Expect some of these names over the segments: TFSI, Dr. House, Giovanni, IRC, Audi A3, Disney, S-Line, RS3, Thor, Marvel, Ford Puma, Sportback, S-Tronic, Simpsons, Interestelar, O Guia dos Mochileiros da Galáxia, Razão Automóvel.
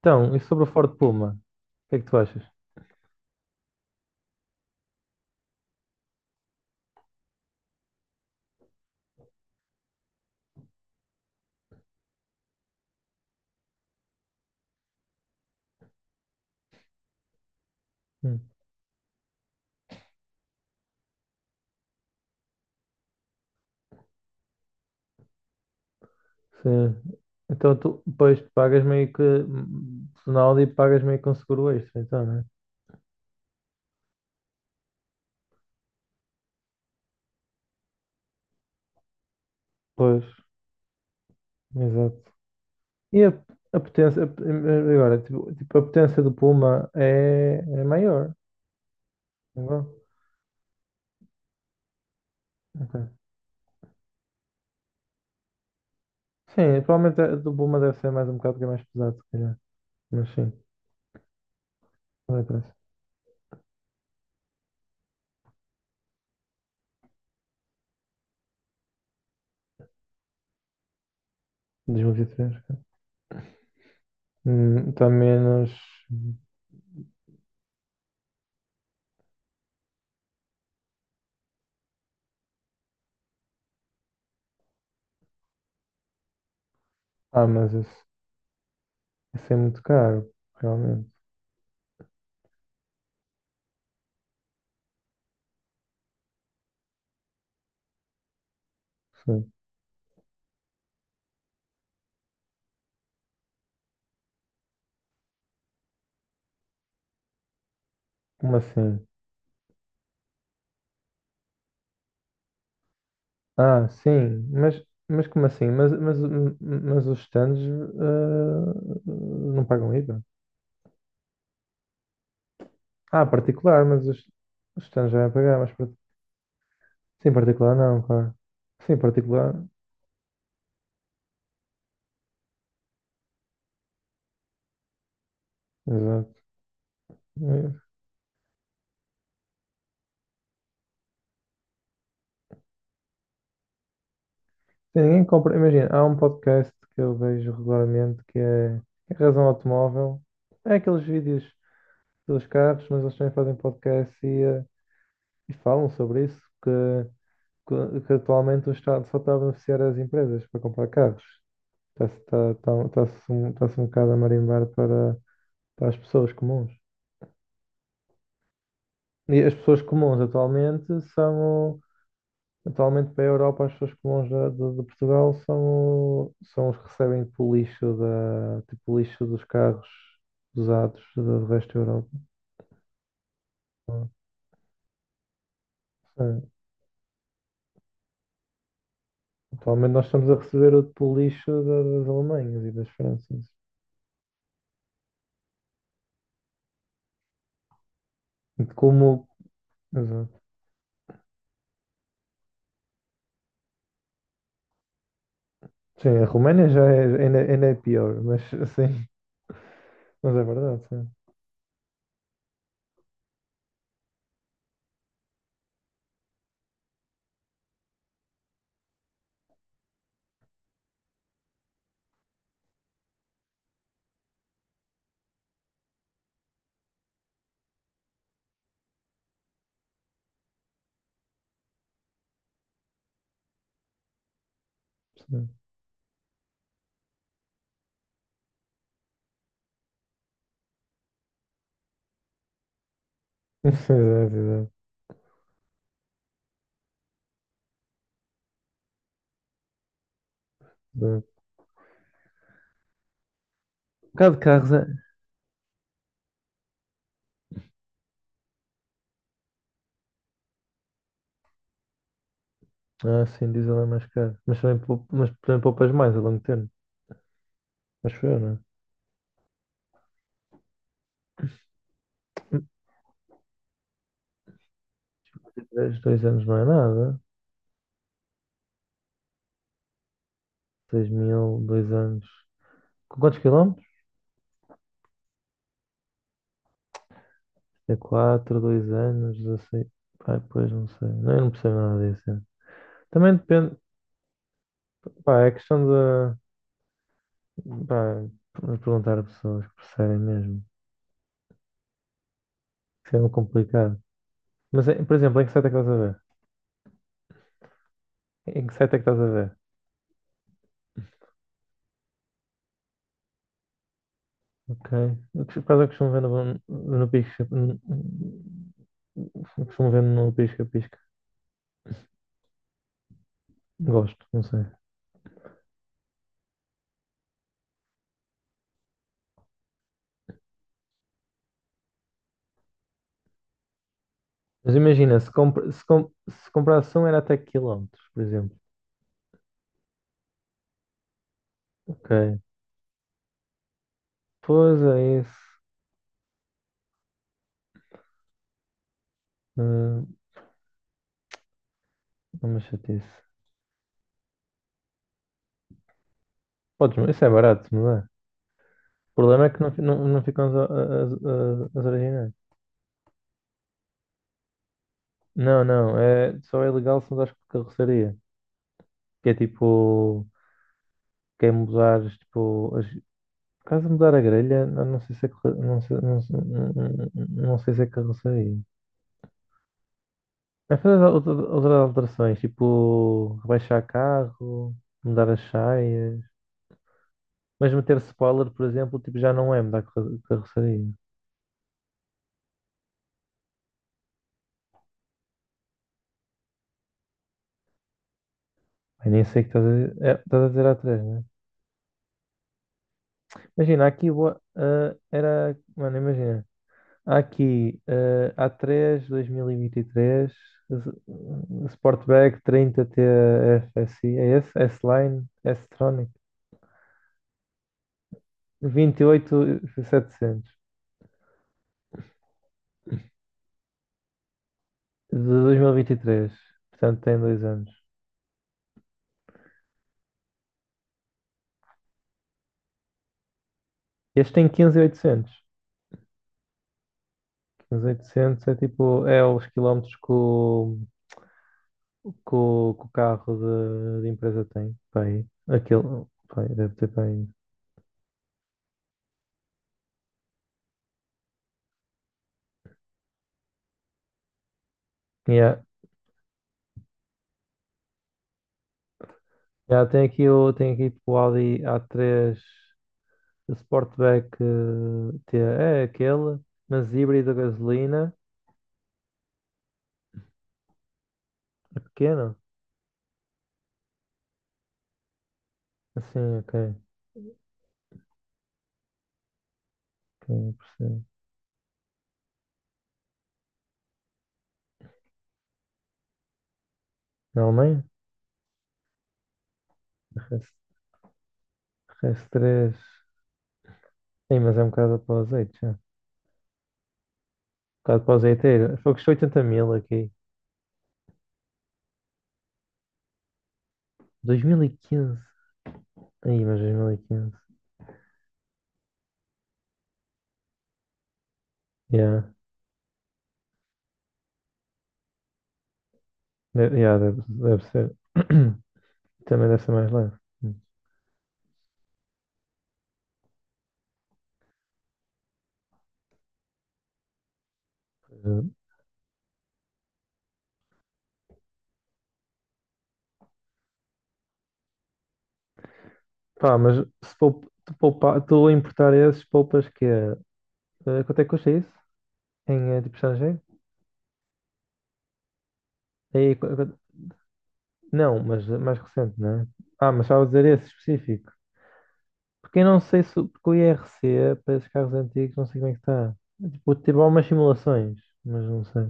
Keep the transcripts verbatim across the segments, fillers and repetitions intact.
Então, e sobre o Ford Puma? O que é que tu achas? Hum, sim. Então, tu, pois, pagas meio que. Ronaldo e pagas meio que um seguro extra, então, né? Pois, exato. E a, a potência. A- agora, tipo, tipo, a potência do Puma é, é maior. Não é? Ok. Sim, provavelmente a do Puma deve ser mais um bocado, porque é mais pesado, se calhar. Mas sim, não é preço. dois mil e vinte e três. Hum, está menos. Ah, mas esse, esse é muito caro, realmente. Sim. Como assim? Ah, sim, mas, mas como assim? Mas, mas, mas os stands eh, não pagam IVA? Ah, particular, mas os, os stands já é pagar, mas par- sim, particular não, claro. Sim, particular, exato. Eh, Sim, ninguém compra, imagina, há um podcast que eu vejo regularmente que é que é Razão Automóvel. É aqueles vídeos dos carros, mas eles também fazem podcast e, eh, e falam sobre isso, que, que, que atualmente o Estado só está a beneficiar as empresas para comprar carros. Está-se tá, tá, tá-se um, tá-se um bocado a marimbar para, para as pessoas comuns. E as pessoas comuns atualmente são, o- atualmente para a Europa, as pessoas comuns da- de, de Portugal são, o- são os que recebem tipo o lixo, da, tipo o lixo dos carros usados do do resto da Europa. Sim. Atualmente nós estamos a receber o tipo lixo da- das Alemanhas e das Franças. De Como, exato. Sim, a Roménia já é, ainda, ainda é pior, mas sim, mas é verdade, sim. Sim. Exato, exato, exato. Um bocado de carros é. Ah, sim, diesel é mais caro. Mas também, poup- mas também poupas mais a longo termo. Acho eu, né? Dez, dois anos não é nada. Seis mil, dois anos. Com quantos quilómetros? É quatro dois anos, dezesseis. Ai, pois não sei. Não, eu não percebo nada disso. É. Também depende. Pá, é questão de. Pá, de perguntar a pessoas que percebem mesmo. Isso é muito complicado. Mas, é- por exemplo, em que site é que estás a ver? Em que site é que estás a ver? Ok. Eu por acaso eu costumo ver no, no pisca. Eu costumo ver no pisca-pisca. Gosto, não sei. Mas imagina, se, compra, se, com- se comparação era até quilómetros, por exemplo. Ok. Pois é isso. Hum, É uma chatice. Podes, isso é barato, não é? O problema é que não, fi- não, não ficam as, as, as- as originais. Não, não. É, só é legal se usares por carroceria. Que é tipo. Quem usares tipo, as, caso mudar a grelha, não, não sei se é carro- não sei, não, sei- não- sei se é carroceria. Mas fazer outra- outras alterações, tipo rebaixar carro, mudar as saias, mas meter spoiler, por exemplo, tipo, já não é mudar carro- carroceria. Ai, nem sei o que estás a dizer. É, estás a dizer há três, né? Imagina, aqui boa- ah, era. Mano, imagina. Há aqui, ah, A três dois mil e vinte e três, Sportback trinta T F S I, é esse? S-Line, S-Tronic. Vinte e oito mil e setecentos, de dois mil e e vinte e três. Portanto, tem dois anos. Este tem quinze mil e oitocentos. quinze mil e oitocentos é tipo, é os quilómetros que o, que o, que o carro de, de empresa tem. Pá, aí. Aquilo, pá, aí, deve ter para aí. Yeah. Yeah, tem aqui o, tem aqui tipo, o Audi a três Sportback, eh, T- é aquele, mas híbrido a gasolina, pequeno. Assim, ok. Ok, percebo. Na Alemanha? RS, R S três. Sim, mas é um bocado para o azeite já. Um bocado para o azeiteiro. Foi que custou oitenta mil aqui. dois mil e quinze. Aí, mas dois mil e quinze. Yeah. De- yeah, deve, deve ser. Também deve ser mais leve. Hum. Pá, mas se poup- tu poupa- tu a importar esses, poupas que é. Eh, Quanto é que custa isso? Em eh, tipo estrangeiro? Aí, qu- qu- não, mas eh, mais recente, não é? Ah, mas estava a dizer esse específico. Porque eu não sei se. o- Porque o I R C para esses carros antigos, não sei como é que está. Tipo, tive algumas simulações, mas não sei.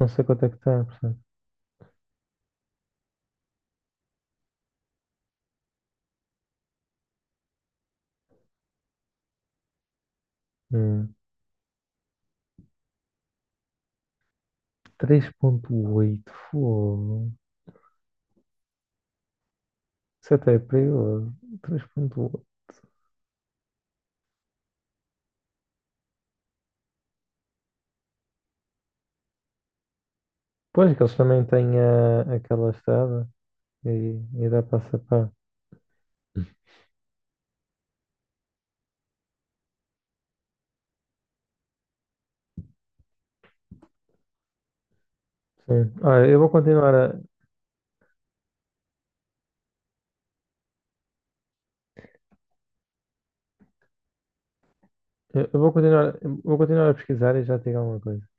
Não sei quanto é que está, portanto. Hum, Três ponto oito, fogo. Isso até é perigoso. Três ponto oito. Pois, que eles também têm a, aquela estrada e, e dá para sapar. Sim. Olha, eu vou continuar a, eu eu vou continuar, eu vou continuar a pesquisar e já te digo alguma coisa.